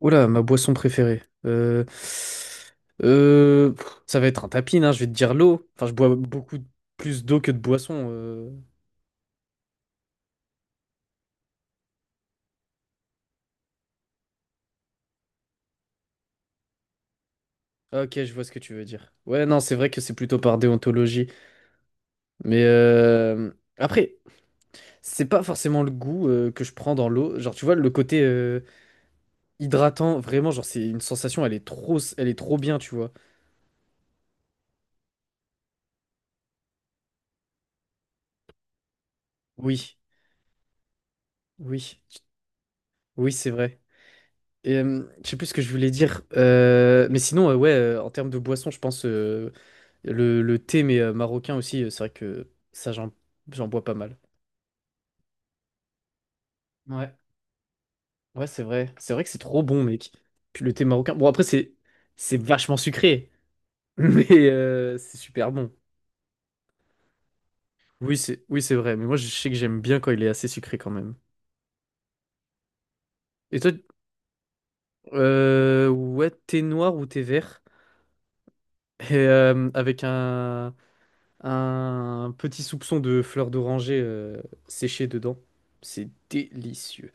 Oula, ma boisson préférée. Ça va être un tapis, hein, je vais te dire l'eau. Enfin, je bois beaucoup plus d'eau que de boisson. Ah, ok, je vois ce que tu veux dire. Ouais, non, c'est vrai que c'est plutôt par déontologie. Mais après, c'est pas forcément le goût que je prends dans l'eau. Genre, tu vois, le côté hydratant, vraiment, genre, c'est une sensation, elle est trop bien, tu vois. Oui, oui, oui, c'est vrai. Je sais plus ce que je voulais dire. Mais sinon, ouais, en termes de boisson, je pense le thé, mais marocain aussi, c'est vrai que ça, j'en bois pas mal. Ouais, ouais, c'est vrai. C'est vrai que c'est trop bon, mec. Puis le thé marocain. Bon, après, c'est vachement sucré, mais c'est super bon. Oui, c'est vrai. Mais moi, je sais que j'aime bien quand il est assez sucré quand même. Et toi, ouais, thé noir ou thé vert? Et un petit soupçon de fleur d'oranger séchée dedans. C'est délicieux.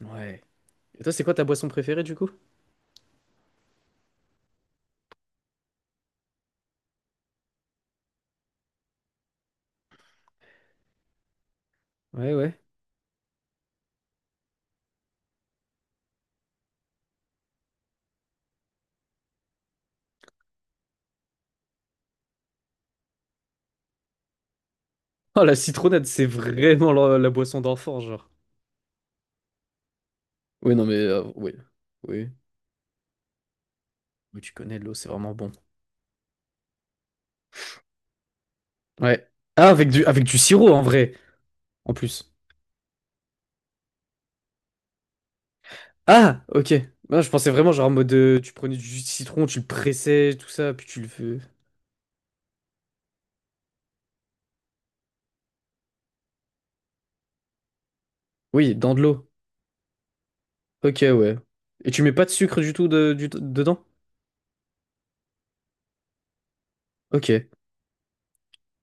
Ouais. Et toi, c'est quoi ta boisson préférée du coup? Ouais, ouais. Oh, la citronnade, c'est vraiment la boisson d'enfant, genre. Oui, non, mais oui. Oui. Oui, tu connais l'eau, c'est vraiment bon. Ouais. Ah, avec du sirop en vrai, en plus. Ah, ok. Ah, je pensais vraiment genre en mode tu prenais du jus de citron, tu le pressais, tout ça, puis tu le fais. Oui, dans de l'eau. Ok, ouais. Et tu mets pas de sucre du tout de- du- dedans? Ok.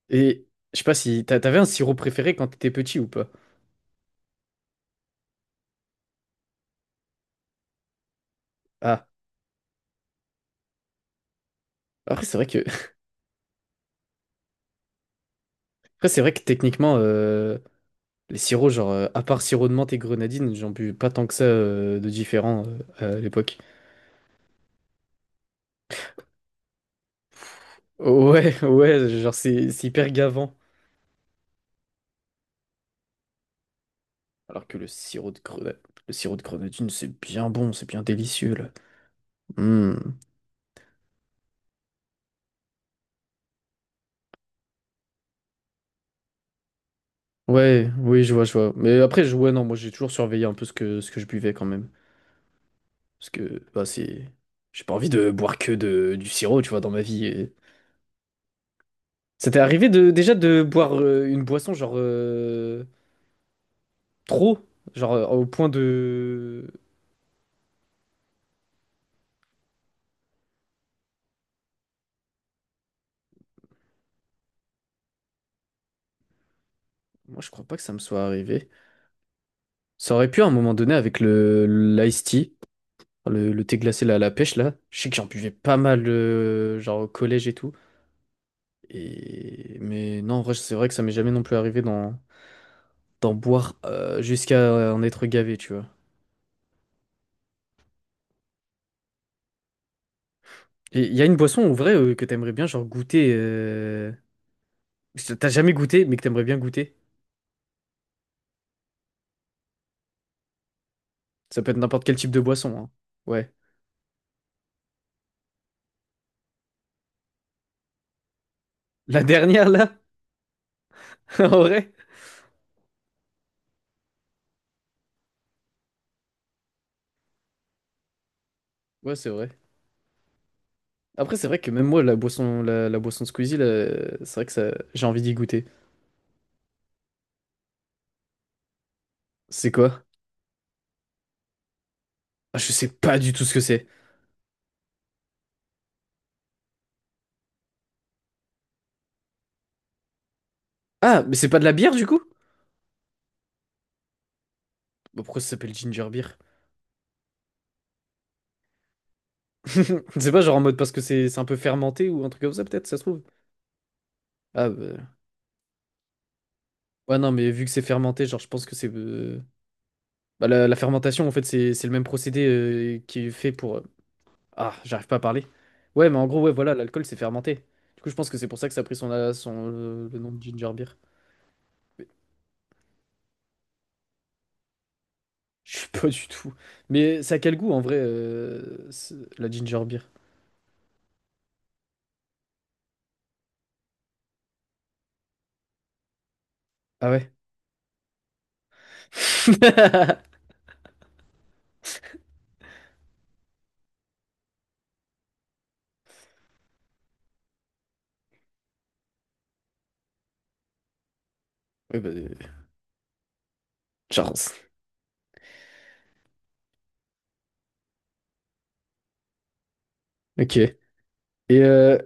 Et je sais pas si t'avais un sirop préféré quand t'étais petit ou pas. Ah, après c'est vrai que après c'est vrai que techniquement les sirops à part sirop de menthe et grenadine, j'en buvais pas tant que ça de différents à l'époque. Ouais, ouais, genre c'est hyper gavant. Alors que le sirop de grenadine, le sirop de grenadine c'est bien bon, c'est bien délicieux là. Hmm. Ouais, oui, je vois, je vois. Mais après je ouais non, moi j'ai toujours surveillé un peu ce que je buvais quand même parce que bah c'est j'ai pas envie de boire que de du sirop, tu vois, dans ma vie. Ça t'est arrivé de déjà de boire une boisson trop, au point de... Moi je crois pas que ça me soit arrivé. Ça aurait pu à un moment donné avec le l'ice tea, le thé glacé là, à la pêche là. Je sais que j'en buvais pas mal genre au collège et tout. Et mais non en vrai c'est vrai que ça m'est jamais non plus arrivé d'en boire jusqu'à en être gavé tu vois. Et il y a une boisson en vrai que t'aimerais bien genre goûter. Que t'as jamais goûté mais que t'aimerais bien goûter. Ça peut être n'importe quel type de boisson hein. Ouais. La dernière là, en vrai. Ouais, c'est vrai. Après, c'est vrai que même moi, la, la boisson de Squeezie, là, c'est vrai que ça, j'ai envie d'y goûter. C'est quoi? Ah, je sais pas du tout ce que c'est. Ah, mais c'est pas de la bière du coup? Bah, pourquoi ça s'appelle ginger beer? C'est pas genre en mode parce que c'est un peu fermenté ou un truc comme ça, peut-être, ça se trouve. Ah, bah... ouais, non, mais vu que c'est fermenté, genre, je pense que c'est. Bah, la fermentation, en fait, c'est le même procédé qui est fait pour, ah, j'arrive pas à parler. Ouais, mais en gros, ouais, voilà, l'alcool c'est fermenté. Du coup, je pense que c'est pour ça que ça a pris le nom de ginger beer. Mais je sais pas du tout. Mais ça a quel goût en vrai, la ginger beer? Ah ouais? Ouais, bah, euh, Charles. Ok. Et euh,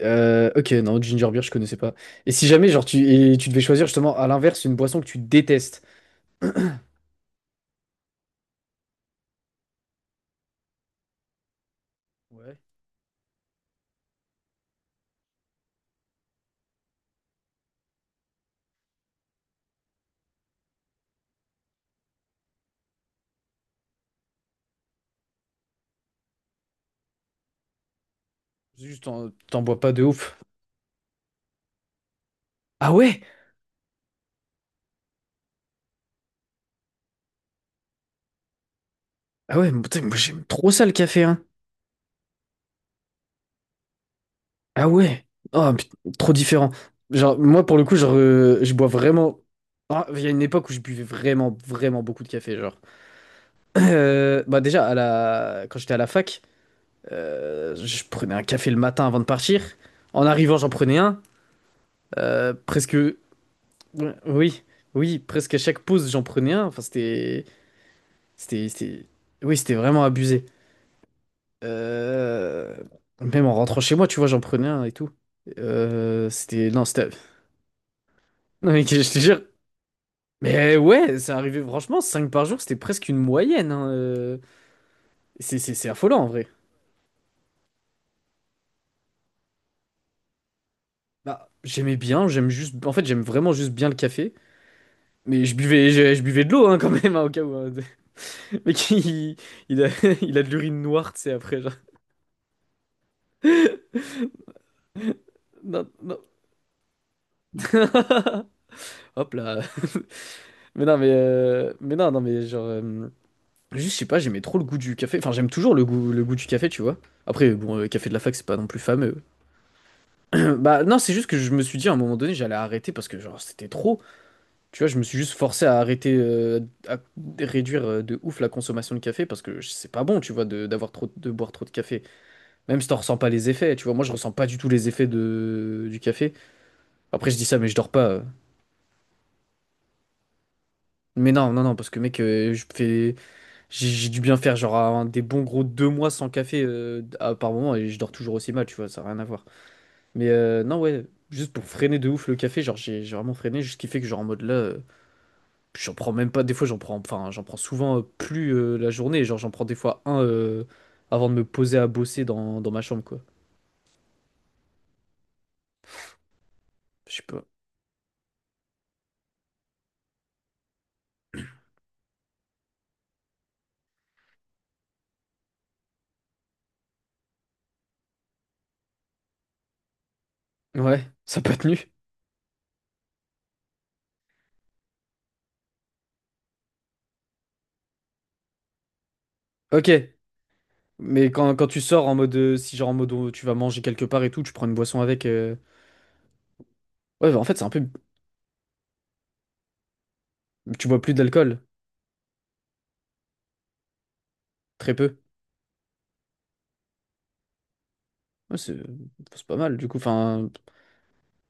ok, non, ginger beer, je connaissais pas. Et si jamais, genre, et tu devais choisir justement à l'inverse une boisson que tu détestes. Ouais. Juste, t'en bois pas de ouf. Ah ouais? Ah ouais, mais putain, moi j'aime trop ça le café, hein. Ah ouais. Ah, put- Trop différent. Genre, moi, pour le coup, je bois vraiment. Ah, il y a une époque où je buvais vraiment beaucoup de café, genre. Bah déjà, quand j'étais à la fac, je prenais un café le matin avant de partir. En arrivant, j'en prenais un. Euh, presque... Oui, oui, presque à chaque pause, j'en prenais un. C'était... c'était- Oui, c'était vraiment abusé. Euh, Même en rentrant chez moi, tu vois, j'en prenais un et tout. Euh, C'était... Non, c'était... Non, mais je te jure, mais ouais, c'est arrivé, franchement, 5 par jour, c'était presque une moyenne. Hein. C'est affolant en vrai. Bah, j'aimais bien, j'aime juste. En fait, j'aime vraiment juste bien le café. Mais je buvais de l'eau hein, quand même, hein, au cas où. Hein. Le mec, il a, il a de l'urine noire, tu sais, après, genre. Non, non. Hop là. Mais non, mais. Mais non, non, mais genre. Juste, je sais pas, j'aimais trop le goût du café. Enfin, j'aime toujours le goût du café, tu vois. Après, bon, le café de la fac, c'est pas non plus fameux. Bah, non, c'est juste que je me suis dit à un moment donné, j'allais arrêter parce que, genre, c'était trop. Tu vois, je me suis juste forcé à arrêter, à réduire de ouf la consommation de café parce que c'est pas bon, tu vois, d'avoir trop, de boire trop de café. Même si t'en ressens pas les effets, tu vois. Moi, je ressens pas du tout les effets du café. Après, je dis ça, mais je dors pas. Mais non, non, non, parce que mec, j'ai dû bien faire des bons gros deux mois sans café par moment et je dors toujours aussi mal, tu vois, ça n'a rien à voir. Mais non, ouais, juste pour freiner de ouf le café, genre j'ai vraiment freiné, juste ce qui fait que genre en mode là. Puis j'en prends même pas, des fois j'en prends, enfin j'en prends souvent plus la journée, genre j'en prends des fois un avant de me poser à bosser dans, dans ma chambre quoi. Je sais pas. Ouais, ça n'a pas tenu. Ok, mais quand tu sors en mode, si genre en mode tu vas manger quelque part et tout, tu prends une boisson avec. Ouais, bah, en fait c'est un peu, tu bois plus d'alcool, très peu. Ouais, c'est pas mal du coup, enfin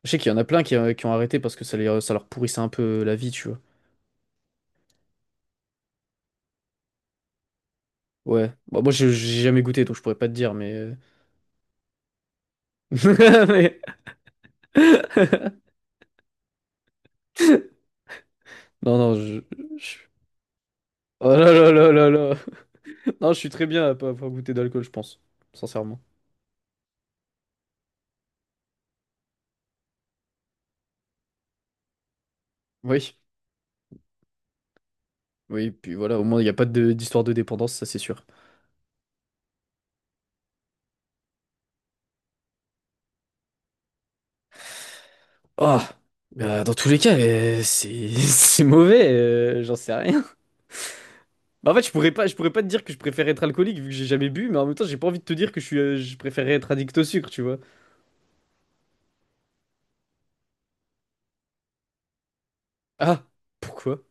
je sais qu'il y en a plein qui ont arrêté parce que ça leur pourrissait un peu la vie, tu vois. Ouais, bon, moi j'ai jamais goûté donc je pourrais pas te dire mais... euh, mais... Non, non, je- Oh là là là là là. Non, je suis très bien à pas avoir goûté d'alcool, je pense. Sincèrement. Oui, oui, puis voilà, au moins, il n'y a pas d'histoire de dépendance, ça c'est sûr. Ah, bah, dans tous les cas, c'est c'est mauvais, j'en sais rien. Bah, en fait, je pourrais pas te dire que je préfère être alcoolique vu que j'ai jamais bu, mais en même temps, j'ai pas envie de te dire que je préférerais être addict au sucre, tu vois. Ah, pourquoi?